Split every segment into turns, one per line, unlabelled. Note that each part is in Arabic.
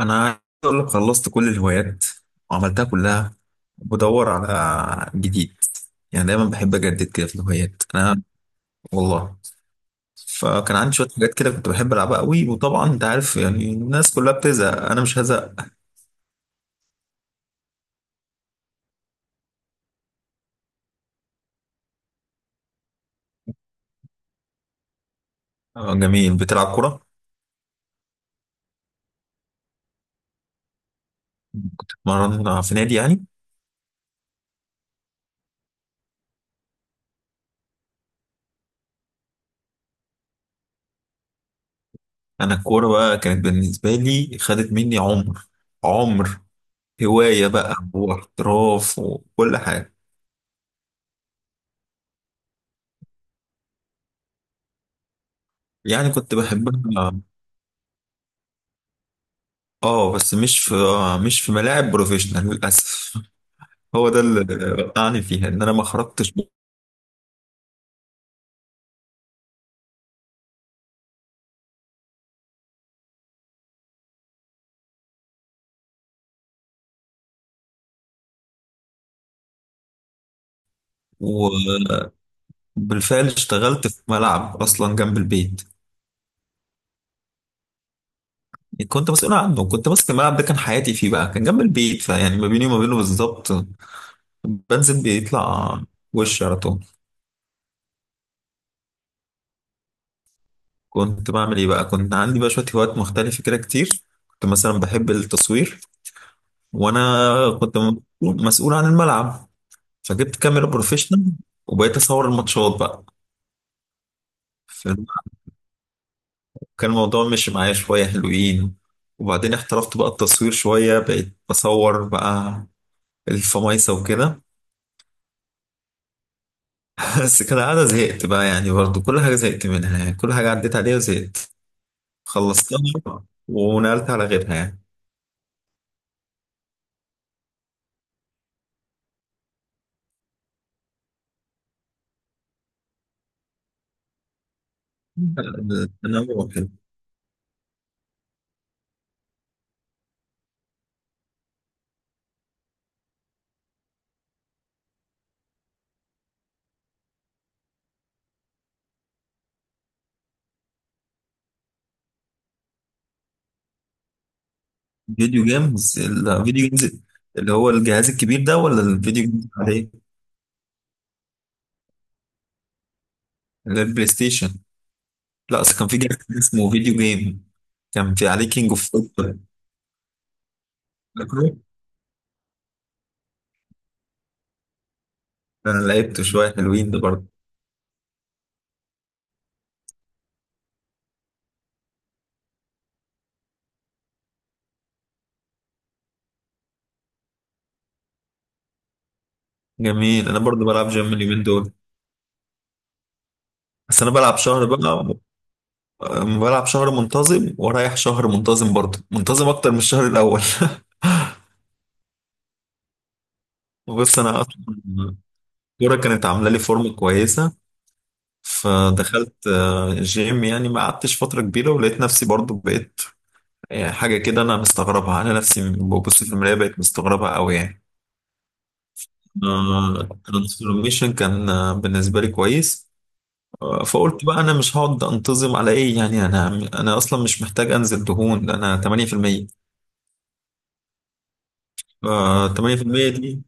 انا عايز اقول لك خلصت كل الهوايات وعملتها كلها. بدور على جديد. يعني دايما بحب اجدد كده في الهوايات انا، والله. فكان عندي شويه حاجات كده كنت بحب العبها قوي، وطبعا انت عارف يعني الناس كلها بتزهق، انا مش هزهق. جميل. بتلعب كوره؟ مرن في نادي يعني؟ انا الكوره بقى كانت بالنسبه لي، خدت مني عمر هوايه بقى، واحتراف وكل حاجه. يعني كنت بحبها، اه، بس مش في مش في ملاعب بروفيشنال للاسف. هو ده اللي وقعني فيها، ان انا ما خرجتش. وبالفعل اشتغلت في ملعب اصلا جنب البيت. كنت مسؤول عنه، كنت ماسك الملعب ده، كان حياتي فيه بقى. كان جنب البيت، فيعني ما بيني وما بينه بالظبط. بنزل بيطلع وش على طول. كنت بعمل ايه بقى؟ كنت عندي بقى شويه هوايات مختلفه كده كتير. كنت مثلا بحب التصوير، وانا كنت مسؤول عن الملعب، فجبت كاميرا بروفيشنال وبقيت اصور الماتشات بقى. كان الموضوع مشي معايا شوية حلوين، وبعدين احترفت بقى التصوير شوية، بقيت بصور بقى الفمايسة وكده. بس كالعادة زهقت بقى، يعني برضو كل حاجة زهقت منها، يعني كل حاجة عديت عليها وزهقت. خلصتها ونقلت على غيرها يعني. أنا واحد. فيديو جيمز؟ الفيديو جيمز اللي هو الجهاز الكبير ده، ولا الفيديو جيمز عليه اللي هي البلاي ستيشن؟ لا، أصل كان في جهاز اسمه فيديو جيم، كان في عليه كينج اوف فوتبول، فاكره؟ انا لعبته شويه حلوين ده برضه. جميل، انا برضو بلعب جيم اليومين دول. بس انا بلعب شهر بقى، بلعب شهر منتظم ورايح شهر منتظم، برضو منتظم اكتر من الشهر الاول. بص انا اصلا الكوره كانت عامله لي فورمه كويسه، فدخلت جيم. يعني ما قعدتش فتره كبيره ولقيت نفسي برضو بقيت حاجه كده انا مستغربها. انا نفسي ببص في المرايه بقيت مستغربها قوي يعني. الترانسفورميشن كان بالنسبه لي كويس. فقلت بقى انا مش هقعد انتظم على ايه يعني. انا انا اصلا مش محتاج انزل دهون، ده انا 8%. 8% دي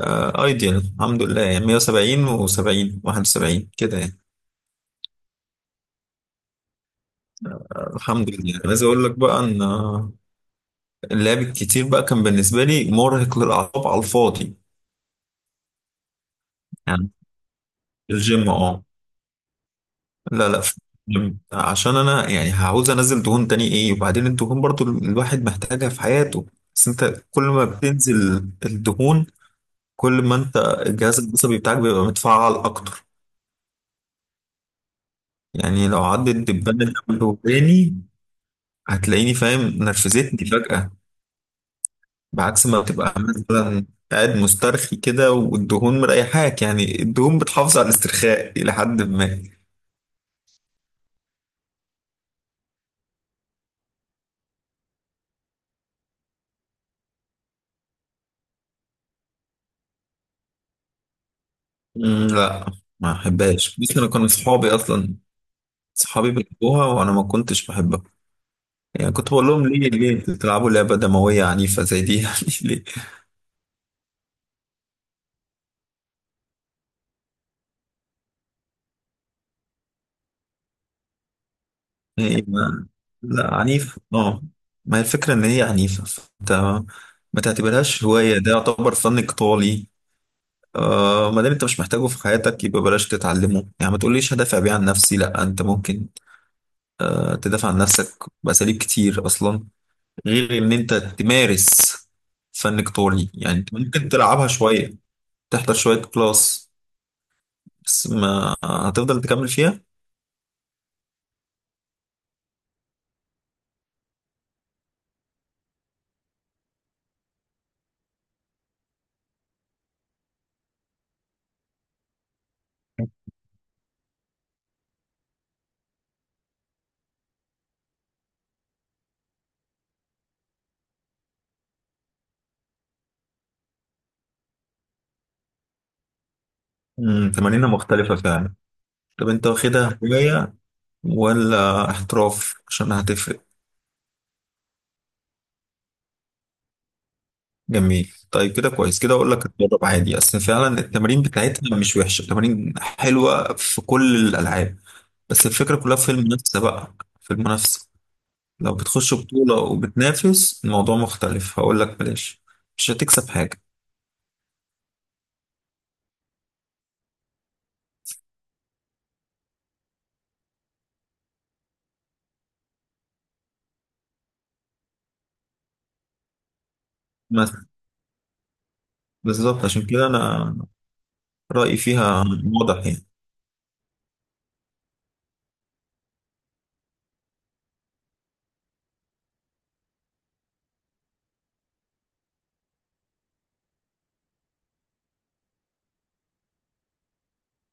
ايديال الحمد لله. يعني 170 و70 71 كده يعني. الحمد لله. عايز اقول لك بقى ان اللعب الكتير بقى كان بالنسبه لي مرهق للاعصاب على الفاضي يعني. الجيم، اه. لا، لا، في الجيم، عشان انا يعني هعوز انزل دهون تاني ايه، وبعدين الدهون برضو الواحد محتاجها في حياته. بس انت كل ما بتنزل الدهون، كل ما انت الجهاز العصبي بتاعك بيبقى متفعل اكتر. يعني لو عدت دبانة جنب وداني، هتلاقيني فاهم نرفزتني فجأة. بعكس ما بتبقى مثلا قاعد مسترخي كده، والدهون مريحاك. يعني الدهون بتحافظ على الاسترخاء إلى حد ما. لا، ما أحبهاش. بس أنا كانوا صحابي أصلا، صحابي بيحبوها وأنا ما كنتش بحبها. يعني كنت بقول لهم ليه بتلعبوا لعبة دموية عنيفة زي دي يعني؟ ليه؟ ايه ما، لا، عنيف اه. ما هي الفكرة ان هي عنيفة، فانت ما تعتبرهاش هواية، ده يعتبر فن قتالي. آه، ما دام انت مش محتاجه في حياتك يبقى بلاش تتعلمه. يعني ما تقوليش هدافع بيه عن نفسي، لا انت ممكن آه تدافع عن نفسك بأساليب كتير اصلا، غير ان انت تمارس فن قتالي. يعني انت ممكن تلعبها شوية، تحضر شوية كلاس، بس ما هتفضل تكمل فيها. تمارينها مختلفة فعلا. طب انت واخدها هواية ولا احتراف؟ عشان هتفرق. جميل، طيب كده كويس. كده اقول لك اتدرب عادي، اصل فعلا التمارين بتاعتها مش وحشه، التمارين حلوه في كل الالعاب. بس الفكره كلها في المنافسه بقى، في المنافسه. لو بتخش بطوله وبتنافس، الموضوع مختلف، هقول لك بلاش، مش هتكسب حاجه. بس بالظبط عشان كده انا رايي فيها واضح يعني.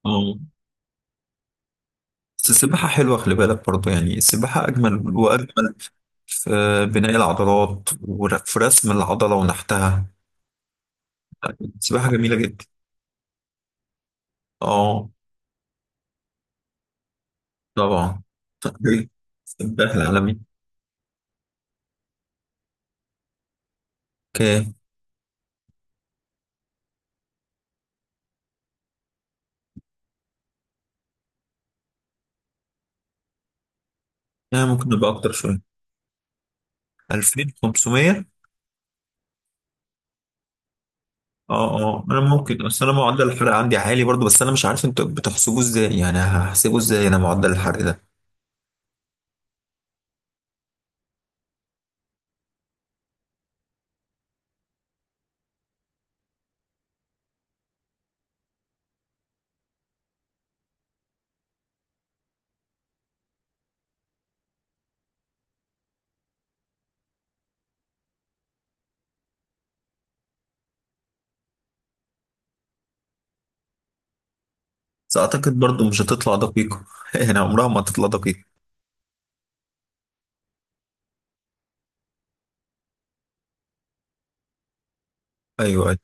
اه، بس السباحة حلوة، خلي بالك برضه، يعني السباحة أجمل وأجمل في بناء العضلات وفي رسم العضلة ونحتها. سباحة جميلة جدا. اه طبعا. طيب، الدخل العالمي كام؟ يعني ممكن نبقى أكتر شوية. 2500. اه، اه، أنا ممكن، بس أنا معدل الحرق عندي عالي برضو، بس أنا مش عارف أنتوا بتحسبوه إزاي، يعني هحسبه إزاي أنا معدل الحرق ده؟ بس أعتقد برضو مش هتطلع دقيقة يعني، عمرها ما هتطلع دقيقة. أيوه، أيوه.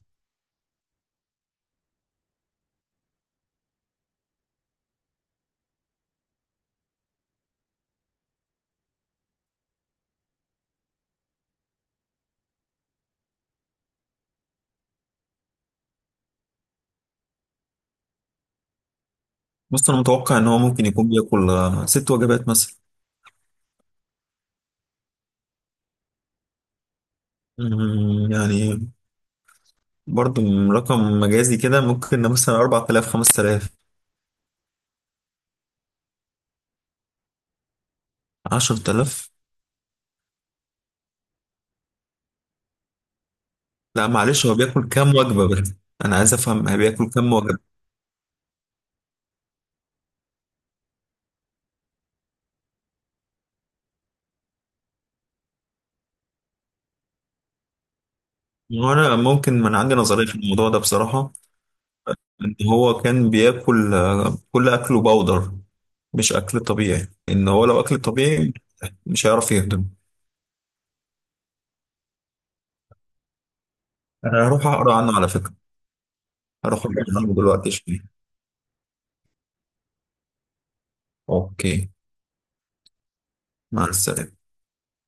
بص أنا متوقع إن هو ممكن يكون بياكل 6 وجبات مثلا. يعني برضو رقم مجازي كده، ممكن مثلا 4000 5000. 10000؟ لا معلش، هو بياكل كام وجبة بس؟ أنا عايز أفهم هو بياكل كام وجبة. وأنا ممكن من عندي نظرية في الموضوع ده بصراحة. إن هو كان بياكل كل أكله باودر، مش أكل طبيعي. إن هو لو أكل طبيعي مش هيعرف يهضم. أنا هروح أقرأ عنه على فكرة، هروح أقرأ عنه دلوقتي شوية. أوكي، مع السلامة.